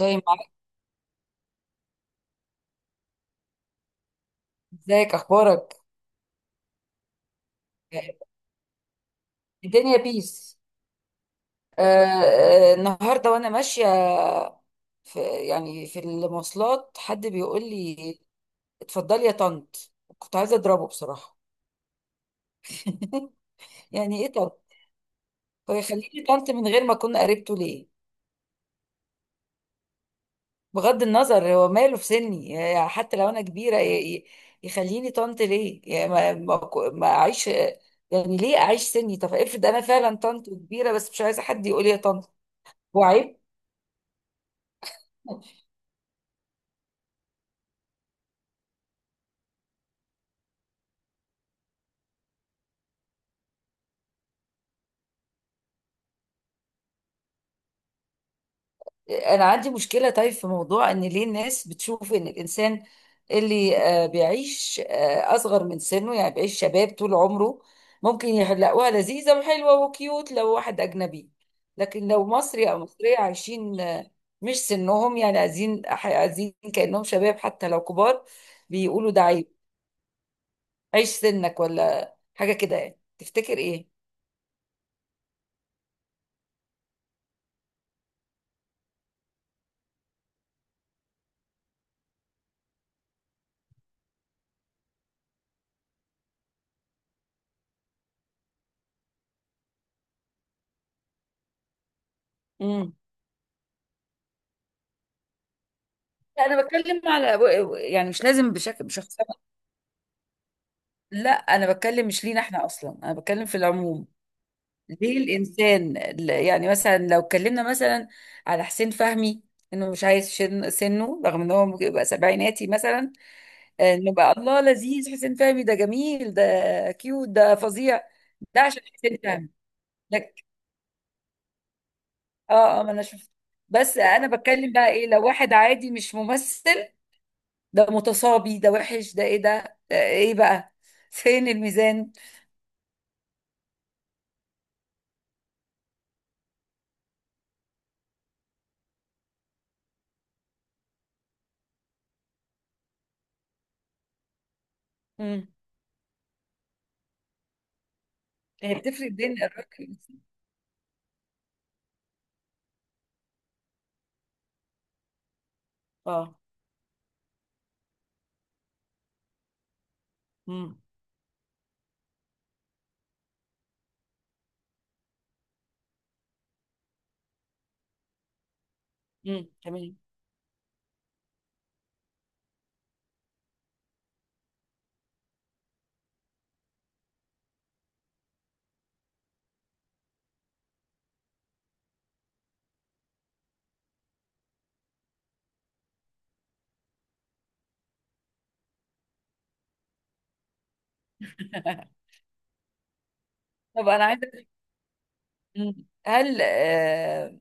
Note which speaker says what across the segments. Speaker 1: زي ما ازيك، اخبارك؟ الدنيا بيس. النهارده وانا ماشيه في يعني في المواصلات حد بيقول لي اتفضلي يا طنط، كنت عايزه اضربه بصراحه. يعني ايه طنط؟ هو يخليني طنط من غير ما اكون قريبته ليه؟ بغض النظر، هو ماله في سني؟ يعني حتى لو انا كبيره يخليني طنط ليه؟ يعني ما اعيش، يعني ليه اعيش سني؟ طب افرض انا فعلا طنط كبيره، بس مش عايزه حد يقول لي يا طنط، هو عيب. انا عندي مشكله طيب في موضوع ان ليه الناس بتشوف ان الانسان اللي بيعيش اصغر من سنه، يعني بيعيش شباب طول عمره، ممكن يلاقوها لذيذه وحلوه وكيوت لو واحد اجنبي، لكن لو مصري او مصريه عايشين مش سنهم، يعني عايزين عايزين كانهم شباب حتى لو كبار، بيقولوا ده عيب. عيش سنك ولا حاجه كده، يعني تفتكر ايه؟ امم انا بتكلم على، يعني مش لازم بشكل بشخص. لا، انا بتكلم مش لينا احنا اصلا، انا بتكلم في العموم. ليه الانسان يعني مثلا لو اتكلمنا مثلا على حسين فهمي، انه مش عايز سنه، رغم ان هو ممكن يبقى سبعيناتي مثلا. انه بقى الله لذيذ حسين فهمي، ده جميل، ده كيوت، ده فظيع، ده عشان حسين فهمي. لك، اه اه، ما انا شفت. بس انا بتكلم بقى ايه لو واحد عادي مش ممثل، ده متصابي، ده وحش، ده ايه، ده ايه بقى؟ فين الميزان؟ مم. هي بتفرق بين الراجل والست. اه، امم تمام. طب، انا عايزه أسألك. مم. هل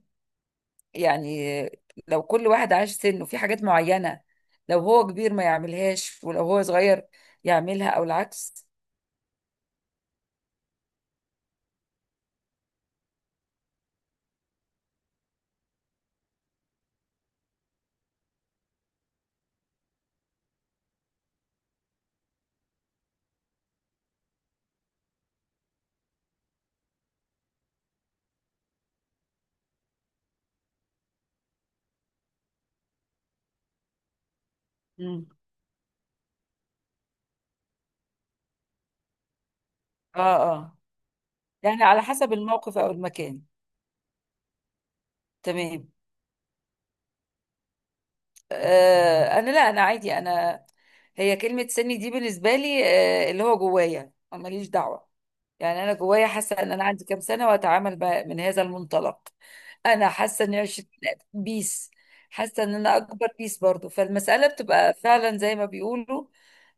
Speaker 1: يعني لو كل واحد عاش سنه في حاجات معينه، لو هو كبير ما يعملهاش ولو هو صغير يعملها او العكس؟ امم، اه اه، يعني على حسب الموقف او المكان. تمام. انا، لا، انا عادي، انا هي كلمه سني دي بالنسبه لي، اللي هو جوايا، أنا ماليش دعوه. يعني انا جوايا حاسه ان انا عندي كام سنه، واتعامل بقى من هذا المنطلق. انا حاسه اني عشت بيس، حاسه ان انا اكبر بيس برضو، فالمساله بتبقى فعلا زي ما بيقولوا،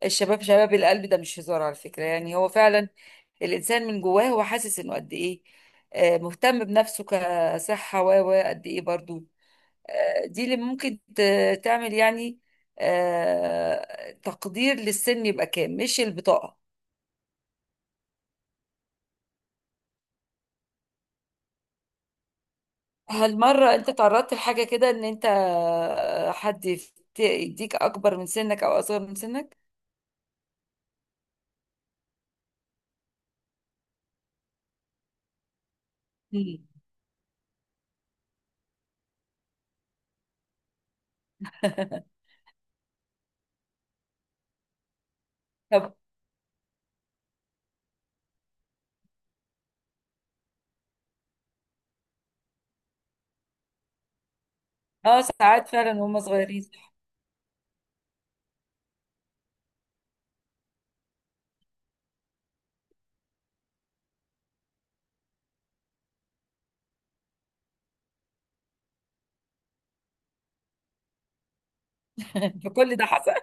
Speaker 1: الشباب شباب القلب، ده مش هزار على فكره، يعني هو فعلا الانسان من جواه هو حاسس انه قد ايه، مهتم بنفسه كصحه و قد ايه برضو، دي اللي ممكن تعمل، يعني تقدير للسن يبقى كام، مش البطاقه. هل مرة انت تعرضت لحاجة كده ان انت حد يديك اكبر من سنك او اصغر من سنك؟ مم. طب، اه ساعات فعلا وهم صغيرين. فكل ده حصل.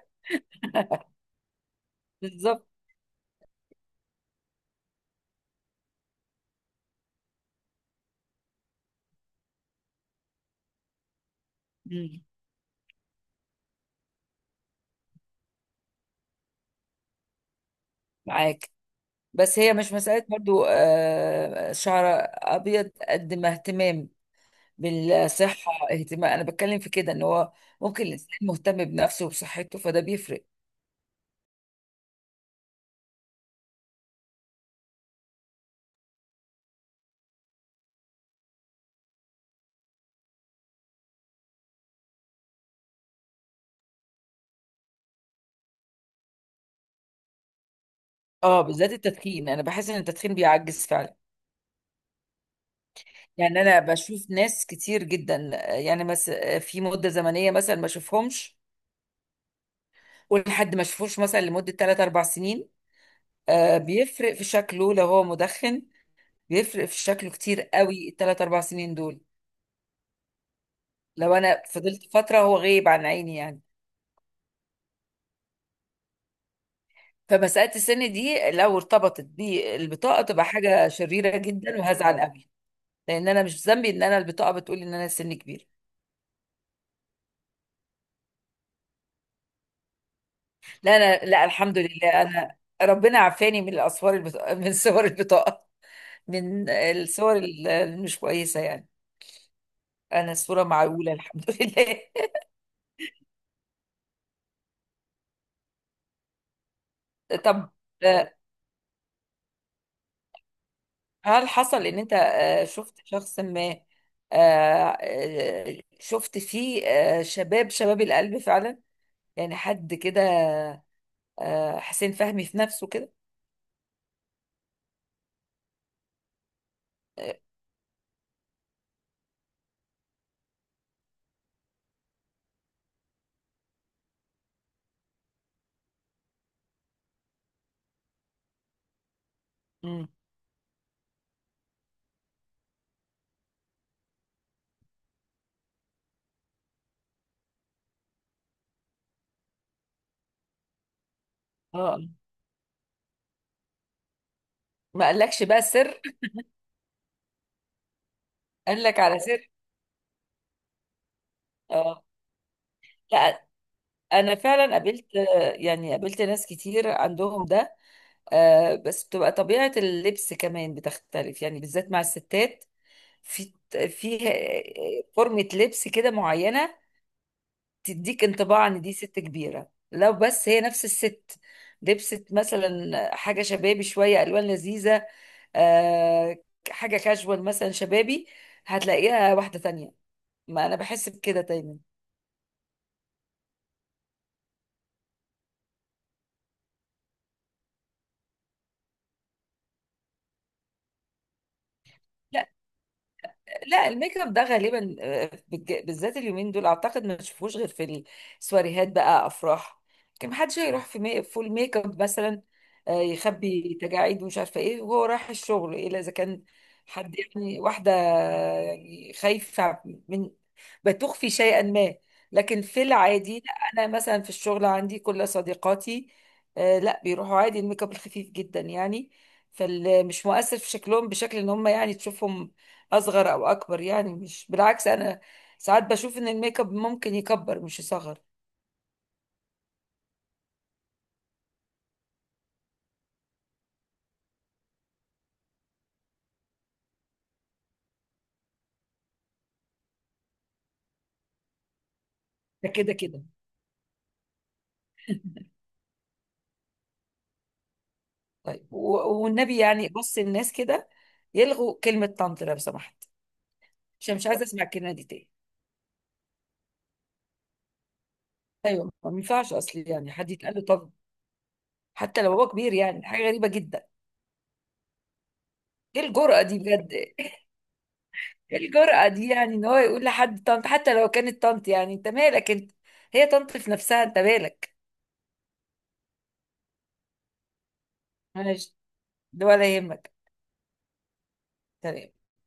Speaker 1: بالظبط. مم. معاك. بس هي مش مسألة برضو شعر أبيض قد ما اهتمام بالصحة، اهتمام. أنا بتكلم في كده، إن هو ممكن الإنسان مهتم بنفسه وبصحته، فده بيفرق. اه، بالذات التدخين، أنا بحس إن التدخين بيعجز فعلا. يعني أنا بشوف ناس كتير جدا، يعني مثلا في مدة زمنية مثلا ما أشوفهمش، ولحد ما أشوفوش مثلا لمدة 3 4 سنين، آه بيفرق في شكله لو هو مدخن، بيفرق في شكله كتير قوي الثلاث اربع سنين دول، لو انا فضلت فتره هو غايب عن عيني يعني. فمساله السن دي لو ارتبطت بالبطاقه تبقى حاجه شريره جدا، وهزعل قوي، لان انا مش ذنبي ان انا البطاقه بتقول ان انا سني كبير. لا، انا، لا، الحمد لله، انا ربنا عافاني من الاسوار البطاقه، من صور البطاقه، من الصور اللي مش كويسه يعني. انا الصوره معقوله الحمد لله. طب، آه، هل حصل ان انت شفت شخص ما، شفت فيه شباب شباب القلب فعلا، يعني حد كده حسين فهمي في نفسه كده؟ آه، مم. اه، ما قالكش بقى سر؟ قال لك على سر؟ اه، لا، انا فعلا قابلت، يعني قابلت ناس كتير عندهم ده، بس بتبقى طبيعة اللبس كمان بتختلف، يعني بالذات مع الستات في فيها فورمة لبس كده معينة تديك انطباع ان دي ست كبيره. لو بس هي نفس الست لبست مثلا حاجه شبابي شويه الوان لذيذه، آه، حاجه كاجوال مثلا شبابي، هتلاقيها واحده تانية. ما انا بحس بكده دايما. لا، لا، الميك اب ده غالبا بالذات اليومين دول اعتقد ما تشوفوش غير في السواريهات بقى، افراح، كان محدش هيروح في فول ميك اب مثلا، يخبي تجاعيد ومش عارفه ايه وهو رايح الشغل، الا اذا كان حد، يعني واحده يعني خايفه من، بتخفي شيئا ما. لكن في العادي لا، انا مثلا في الشغل عندي كل صديقاتي لا بيروحوا عادي، الميك اب الخفيف جدا يعني، فمش مؤثر في شكلهم بشكل ان هم يعني تشوفهم اصغر او اكبر، يعني مش بالعكس، انا ساعات بشوف ان الميك اب ممكن يكبر مش يصغر. ده كده كده. طيب والنبي، يعني بص الناس كده يلغوا كلمة طنط لو سمحت، عشان مش عايزة اسمع الكلمة دي تاني. ايوه، ما ينفعش اصلي يعني حد يتقال له، طب حتى لو هو كبير، يعني حاجة غريبة جدا. ايه الجرأة دي بجد؟ ايه الجرأة دي يعني، ان هو يقول لحد طنط، حتى لو كانت طنط، يعني انت مالك انت؟ هي طنط في نفسها، انت مالك؟ ماشي، ده ولا يهمك. تمام.